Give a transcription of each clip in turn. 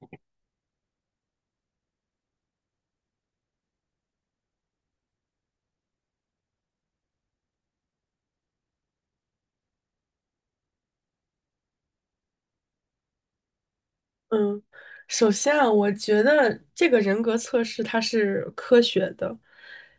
嗯嗯，首先啊，我觉得这个人格测试它是科学的，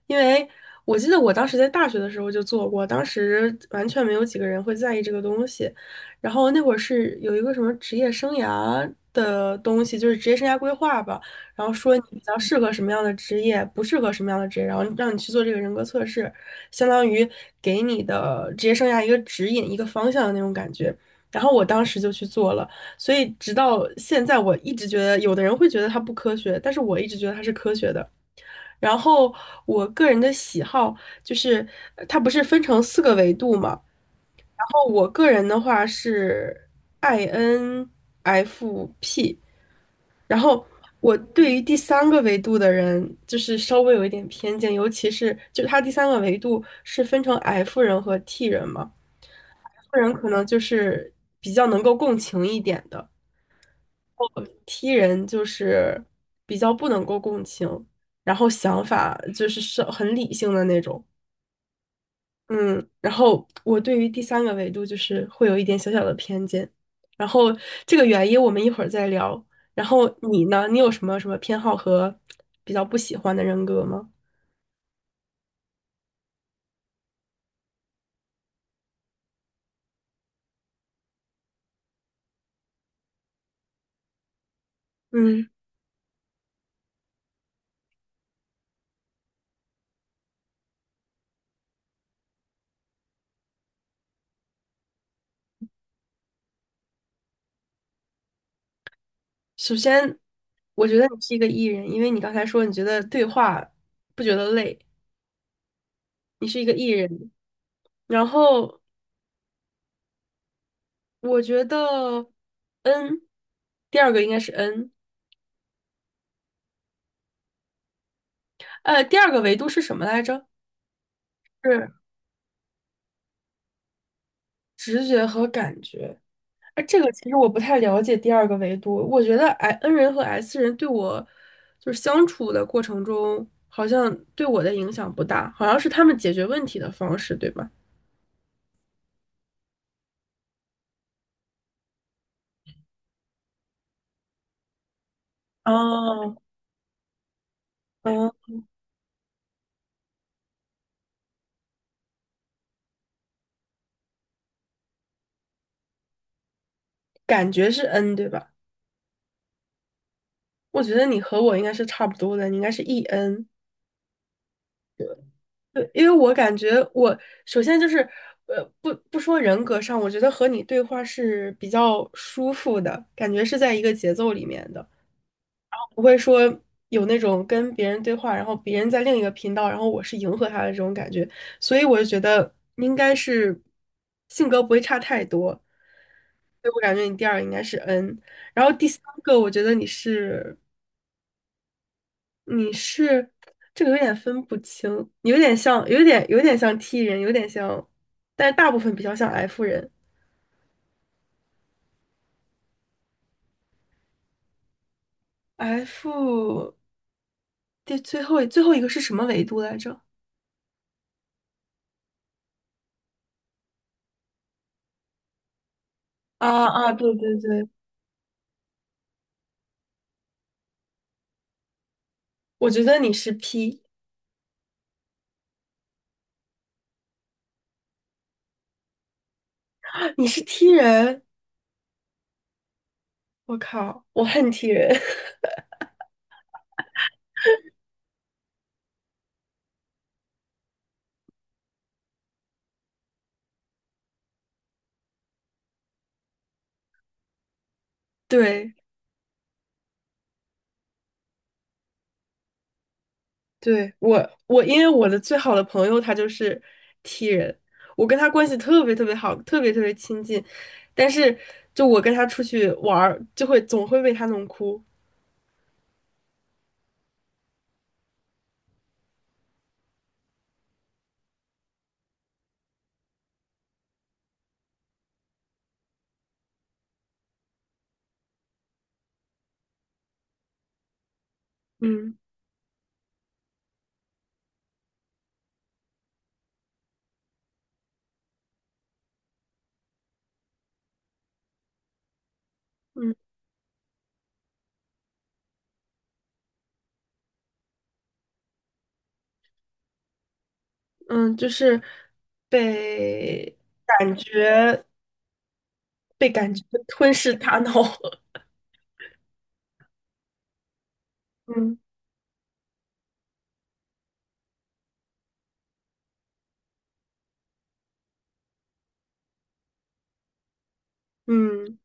因为我记得我当时在大学的时候就做过，当时完全没有几个人会在意这个东西。然后那会儿是有一个什么职业生涯的东西，就是职业生涯规划吧，然后说你比较适合什么样的职业，不适合什么样的职业，然后让你去做这个人格测试，相当于给你的职业生涯一个指引、一个方向的那种感觉。然后我当时就去做了。所以直到现在，我一直觉得有的人会觉得它不科学，但是我一直觉得它是科学的。然后我个人的喜好就是，它不是分成四个维度嘛？然后我个人的话是 INFP,然后我对于第三个维度的人就是稍微有一点偏见，尤其是就它第三个维度是分成 F 人和 T 人嘛，F 人可能就是比较能够共情一点的。T 人就是比较不能够共情，然后想法就是是很理性的那种，嗯，然后我对于第三个维度就是会有一点小小的偏见，然后这个原因我们一会儿再聊。然后你呢？你有什么什么偏好和比较不喜欢的人格吗？嗯，首先我觉得你是一个 E 人，因为你刚才说你觉得对话不觉得累，你是一个 E 人，然后。我觉得 N,第二个应该是 N,第二个维度是什么来着？是直觉和感觉。哎，这个其实我不太了解第二个维度。我觉得 I N 人和 S 人对我就是相处的过程中，好像对我的影响不大，好像是他们解决问题的方式，对吧？哦，嗯，感觉是 N,对吧？我觉得你和我应该是差不多的，你应该是 E N。对，因为我感觉我首先就是，不说人格上，我觉得和你对话是比较舒服的，感觉是在一个节奏里面的，然后不会说有那种跟别人对话，然后别人在另一个频道，然后我是迎合他的这种感觉，所以我就觉得应该是性格不会差太多，所以我感觉你第二个应该是 N,然后第三个我觉得你是。你是这个有点分不清，有点像，有点像 T 人，有点像，但是大部分比较像 F 人。F 最后一个是什么维度来着？啊啊，对对对，我觉得你是 P,你是 T 人，我靠，我恨 T 人。对对，我因为我的最好的朋友他就是 T 人，我跟他关系特别特别好，特别特别亲近，但是就我跟他出去玩儿，就会总会被他弄哭。嗯嗯嗯，就是被感觉被感觉吞噬大脑了。嗯嗯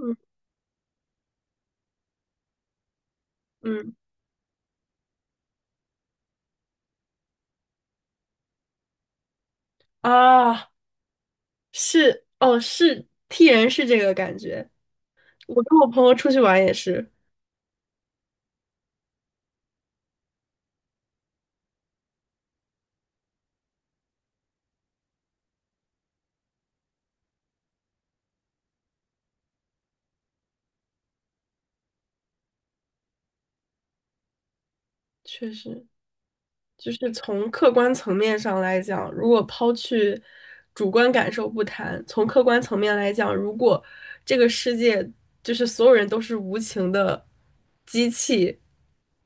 嗯嗯啊，是哦，是 T 人是这个感觉。我跟我朋友出去玩也是，确实，就是从客观层面上来讲，如果抛去主观感受不谈，从客观层面来讲，如果这个世界就是所有人都是无情的机器，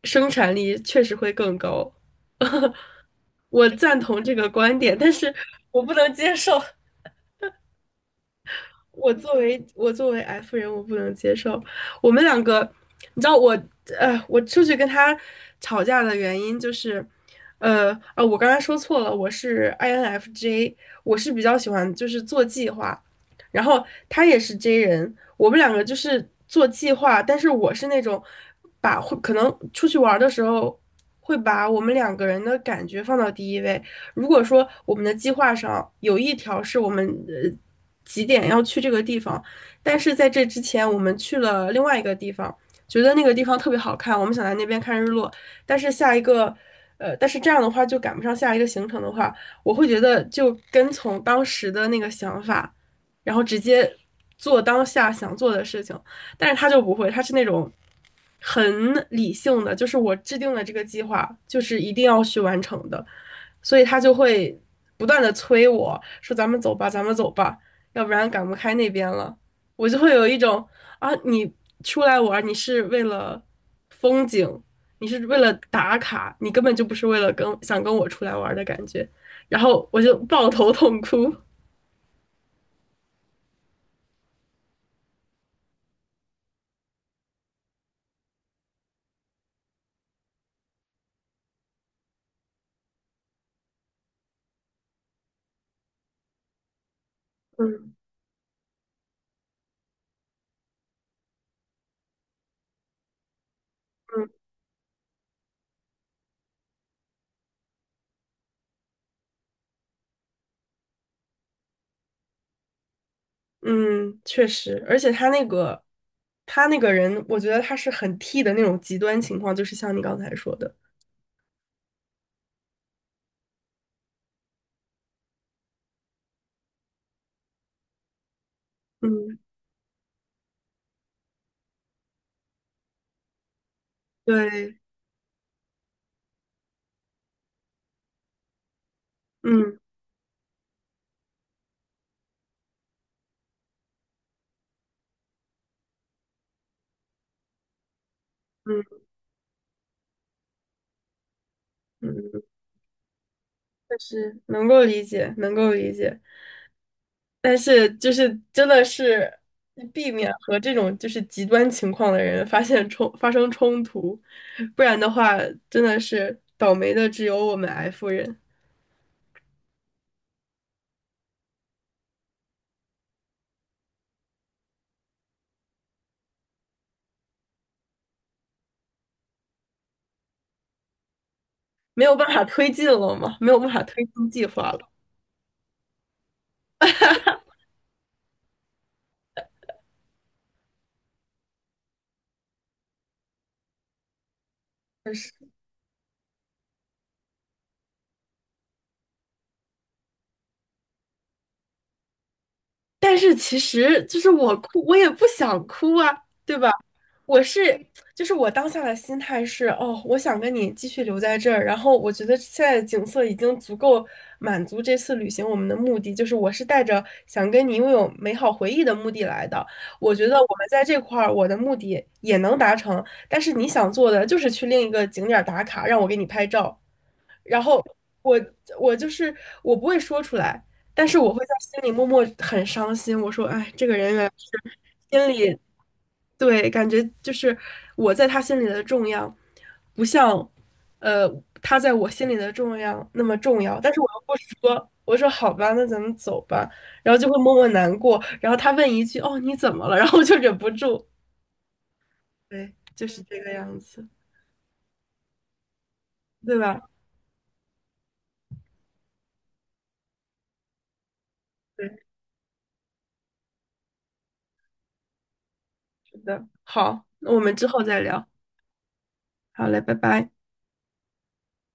生产力确实会更高。我赞同这个观点，但是我不能接受。我作为 F 人，我不能接受。我们两个，你知道我，我出去跟他吵架的原因就是，我刚才说错了，我是 INFJ,我是比较喜欢就是做计划，然后他也是 J 人，我们两个就是做计划，但是我是那种把会可能出去玩儿的时候会把我们两个人的感觉放到第一位，如果说我们的计划上有一条是我们几点要去这个地方，但是在这之前我们去了另外一个地方，觉得那个地方特别好看，我们想在那边看日落，但是下一个。但是这样的话就赶不上下一个行程的话，我会觉得就跟从当时的那个想法，然后直接做当下想做的事情。但是他就不会，他是那种很理性的，就是我制定了这个计划，就是一定要去完成的。所以他就会不断的催我说："咱们走吧，咱们走吧，要不然赶不开那边了。"我就会有一种啊，你出来玩，你是为了风景，你是为了打卡，你根本就不是为了跟想跟我出来玩的感觉。然后我就抱头痛哭。嗯嗯嗯，确实，而且他那个人，我觉得他是很 T 的那种极端情况，就是像你刚才说的。嗯，对，嗯嗯嗯。是能够理解，能够理解，但是就是真的是避免和这种就是极端情况的人发生冲突，不然的话真的是倒霉的只有我们 F 人，没有办法推进了嘛，没有办法推进计划了。确实但是其实就是我哭，我也不想哭啊，对吧？我是，就是我当下的心态是，哦，我想跟你继续留在这儿，然后我觉得现在的景色已经足够满足这次旅行我们的目的，就是我是带着想跟你拥有美好回忆的目的来的。我觉得我们在这块儿，我的目的也能达成，但是你想做的就是去另一个景点儿打卡，让我给你拍照。然后我我就是我不会说出来，但是我会在心里默默很伤心。我说，哎，这个人原来是心里对，感觉就是我在他心里的重要，不像呃他在我心里的重要那么重要。但是我又不说，我说好吧，那咱们走吧。然后就会默默难过。然后他问一句："哦，你怎么了？" 然后我就忍不住，对，就是这个样子，对吧？对，是的。好，那我们之后再聊。好嘞，拜拜。